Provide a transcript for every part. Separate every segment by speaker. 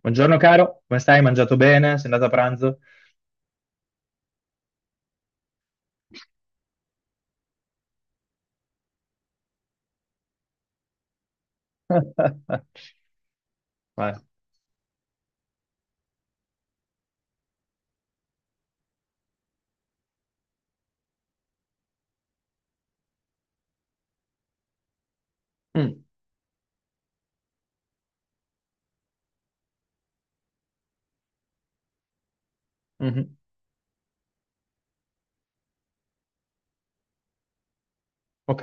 Speaker 1: Buongiorno caro, come stai? Hai mangiato bene? Sei andato a pranzo? Ah, vai. Mm. Mhm. Ok.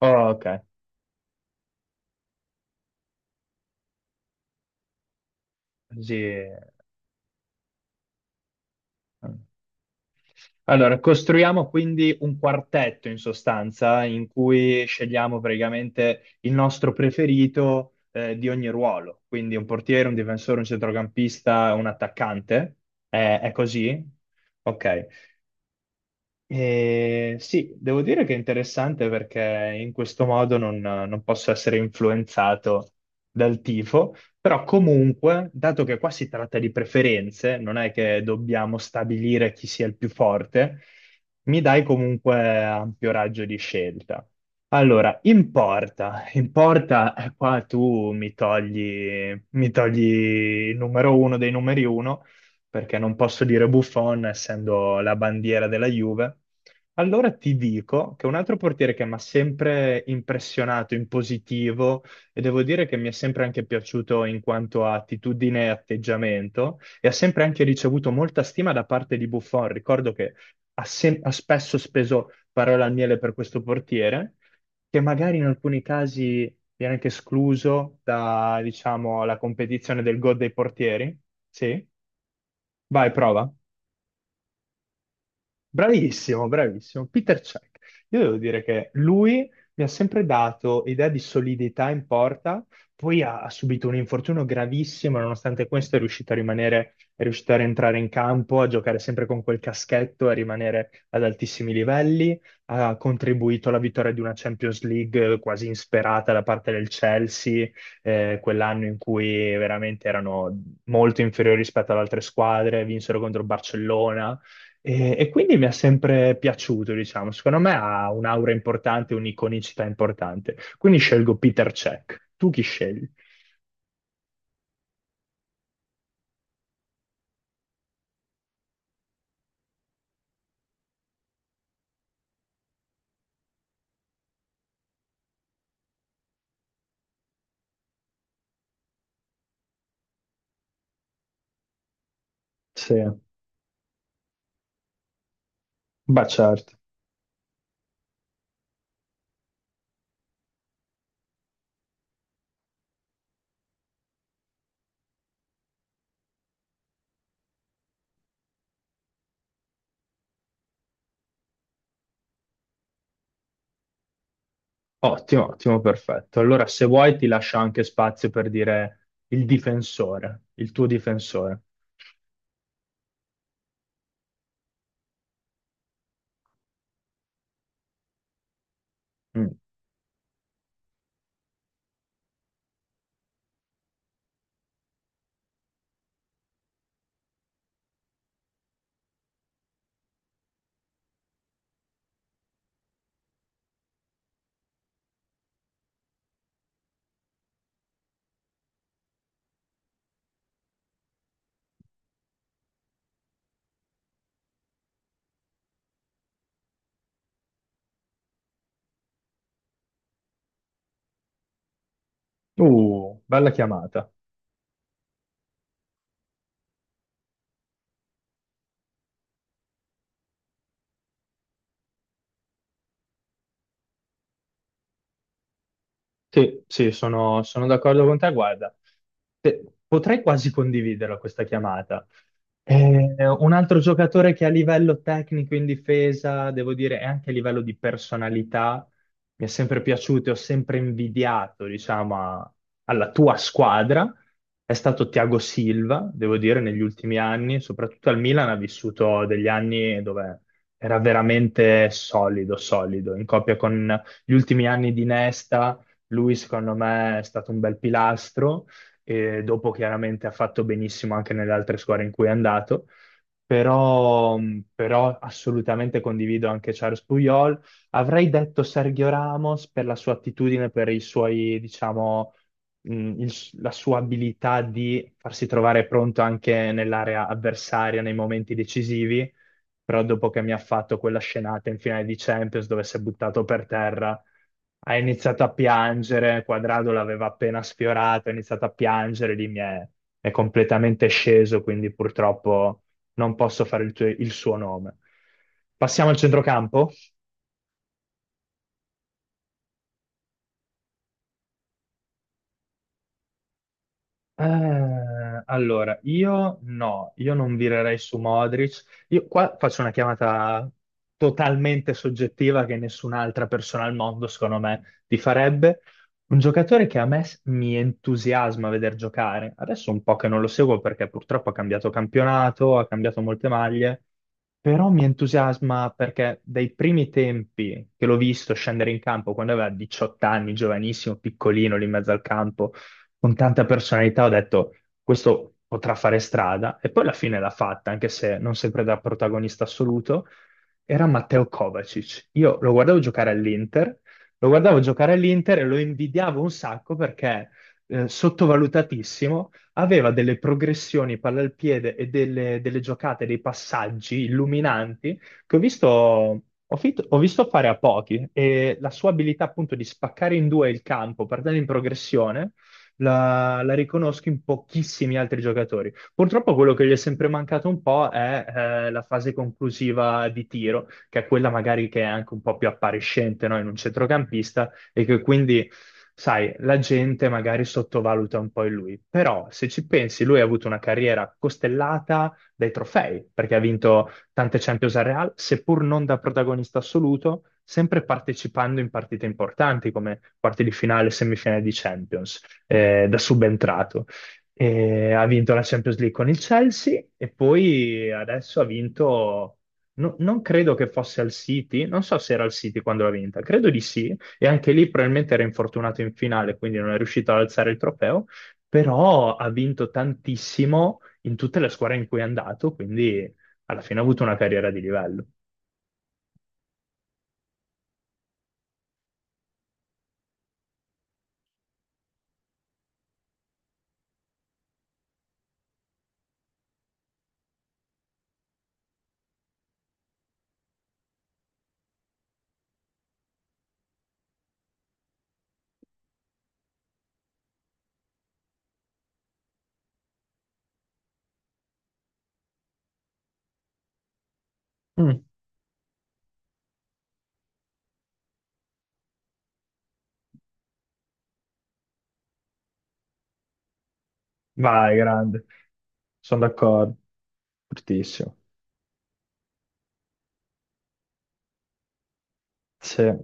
Speaker 1: Oh, ok. Sì. Allora, costruiamo quindi un quartetto in sostanza in cui scegliamo praticamente il nostro preferito di ogni ruolo, quindi un portiere, un difensore, un centrocampista, un attaccante. È così? Ok. Sì, devo dire che è interessante perché in questo modo non posso essere influenzato dal tifo, però comunque, dato che qua si tratta di preferenze, non è che dobbiamo stabilire chi sia il più forte, mi dai comunque ampio raggio di scelta. Allora, in porta, qua tu mi togli il numero uno dei numeri uno perché non posso dire Buffon essendo la bandiera della Juve. Allora ti dico che un altro portiere che mi ha sempre impressionato in positivo e devo dire che mi è sempre anche piaciuto in quanto a attitudine e atteggiamento e ha sempre anche ricevuto molta stima da parte di Buffon. Ricordo che ha spesso speso parole al miele per questo portiere, che magari in alcuni casi viene anche escluso da, diciamo, la competizione del GOAT dei portieri. Sì. Vai, prova. Bravissimo, bravissimo. Peter Cech. Io devo dire che lui mi ha sempre dato idea di solidità in porta, poi ha subito un infortunio gravissimo, nonostante questo è riuscito a rimanere, è riuscito a rientrare in campo, a giocare sempre con quel caschetto, a rimanere ad altissimi livelli, ha contribuito alla vittoria di una Champions League quasi insperata da parte del Chelsea, quell'anno in cui veramente erano molto inferiori rispetto ad altre squadre, vinsero contro il Barcellona e quindi mi è sempre piaciuto, diciamo. Secondo me ha un'aura importante, un'iconicità importante. Quindi scelgo Peter Cech. Tu chi scegli? Sì, beh certo. Ottimo, ottimo, perfetto. Allora, se vuoi, ti lascio anche spazio per dire il difensore, il tuo difensore. Mm. Bella chiamata. Sì, sì, sono d'accordo con te. Guarda, potrei quasi condividerla questa chiamata. Un altro giocatore che a livello tecnico in difesa, devo dire, e anche a livello di personalità, mi è sempre piaciuto e ho sempre invidiato, diciamo, alla tua squadra, è stato Thiago Silva, devo dire, negli ultimi anni, soprattutto al Milan ha vissuto degli anni dove era veramente solido, solido, in coppia con gli ultimi anni di Nesta, lui secondo me è stato un bel pilastro e dopo chiaramente ha fatto benissimo anche nelle altre squadre in cui è andato, però, però assolutamente condivido anche Charles Puyol. Avrei detto Sergio Ramos per la sua attitudine, per i suoi, diciamo, mh, il- la sua abilità di farsi trovare pronto anche nell'area avversaria nei momenti decisivi, però dopo che mi ha fatto quella scenata in finale di Champions dove si è buttato per terra ha iniziato a piangere, Quadrado l'aveva appena sfiorato, ha iniziato a piangere, è completamente sceso, quindi purtroppo non posso fare il suo nome. Passiamo al centrocampo. Allora, io non virerei su Modric. Io qua faccio una chiamata totalmente soggettiva che nessun'altra persona al mondo, secondo me, ti farebbe. Un giocatore che a me mi entusiasma vedere giocare. Adesso un po' che non lo seguo perché purtroppo ha cambiato campionato, ha cambiato molte maglie, però mi entusiasma perché dai primi tempi che l'ho visto scendere in campo quando aveva 18 anni, giovanissimo, piccolino lì in mezzo al campo con tanta personalità, ho detto questo potrà fare strada e poi alla fine l'ha fatta, anche se non sempre da protagonista assoluto, era Matteo Kovacic. Io lo guardavo giocare all'Inter, lo guardavo giocare all'Inter e lo invidiavo un sacco perché sottovalutatissimo, aveva delle progressioni palla al piede e delle giocate, dei passaggi illuminanti che ho visto... Ho visto fare a pochi e la sua abilità appunto di spaccare in due il campo, per dare in progressione, la riconosco in pochissimi altri giocatori. Purtroppo quello che gli è sempre mancato un po' è la fase conclusiva di tiro, che è quella magari che è anche un po' più appariscente, no? In un centrocampista e che quindi... Sai, la gente magari sottovaluta un po' in lui, però se ci pensi, lui ha avuto una carriera costellata dai trofei, perché ha vinto tante Champions al Real, seppur non da protagonista assoluto, sempre partecipando in partite importanti come quarti di finale, semifinale di Champions da subentrato. E ha vinto la Champions League con il Chelsea e poi adesso ha vinto, non credo che fosse al City, non so se era al City quando l'ha vinta, credo di sì, e anche lì probabilmente era infortunato in finale, quindi non è riuscito ad alzare il trofeo, però ha vinto tantissimo in tutte le squadre in cui è andato, quindi alla fine ha avuto una carriera di livello. Mm, vai, grande, sono d'accordo, fortissimo. Sì.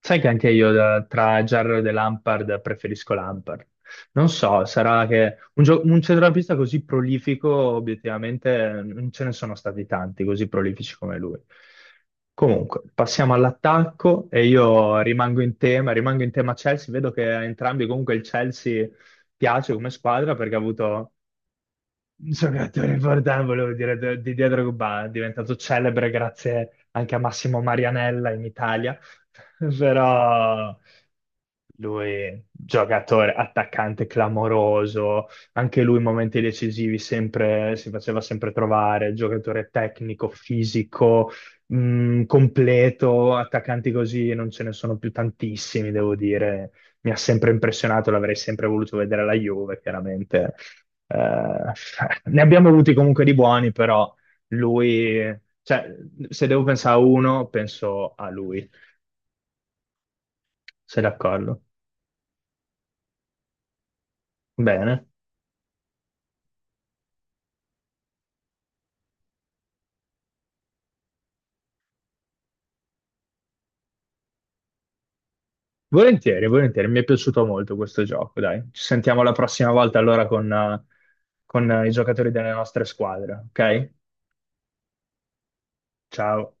Speaker 1: Sai che anche tra Gerrard e Lampard preferisco Lampard. Non so, sarà che un centrocampista così prolifico, obiettivamente, non ce ne sono stati tanti così prolifici come lui. Comunque, passiamo all'attacco e io rimango in tema Chelsea. Vedo che a entrambi comunque il Chelsea piace come squadra perché ha avuto sono un attore importante, volevo dire, di Dietro Gubà, è diventato celebre grazie anche a Massimo Marianella in Italia, però lui, giocatore, attaccante clamoroso, anche lui in momenti decisivi sempre, si faceva sempre trovare, giocatore tecnico, fisico, completo, attaccanti così non ce ne sono più tantissimi, devo dire. Mi ha sempre impressionato, l'avrei sempre voluto vedere alla Juve, chiaramente eh, ne abbiamo avuti comunque di buoni, però lui, cioè, se devo pensare a uno, penso a lui. Sei d'accordo? Bene. Volentieri, volentieri, mi è piaciuto molto questo gioco, dai. Ci sentiamo la prossima volta allora con i giocatori delle nostre squadre, ok? Ciao.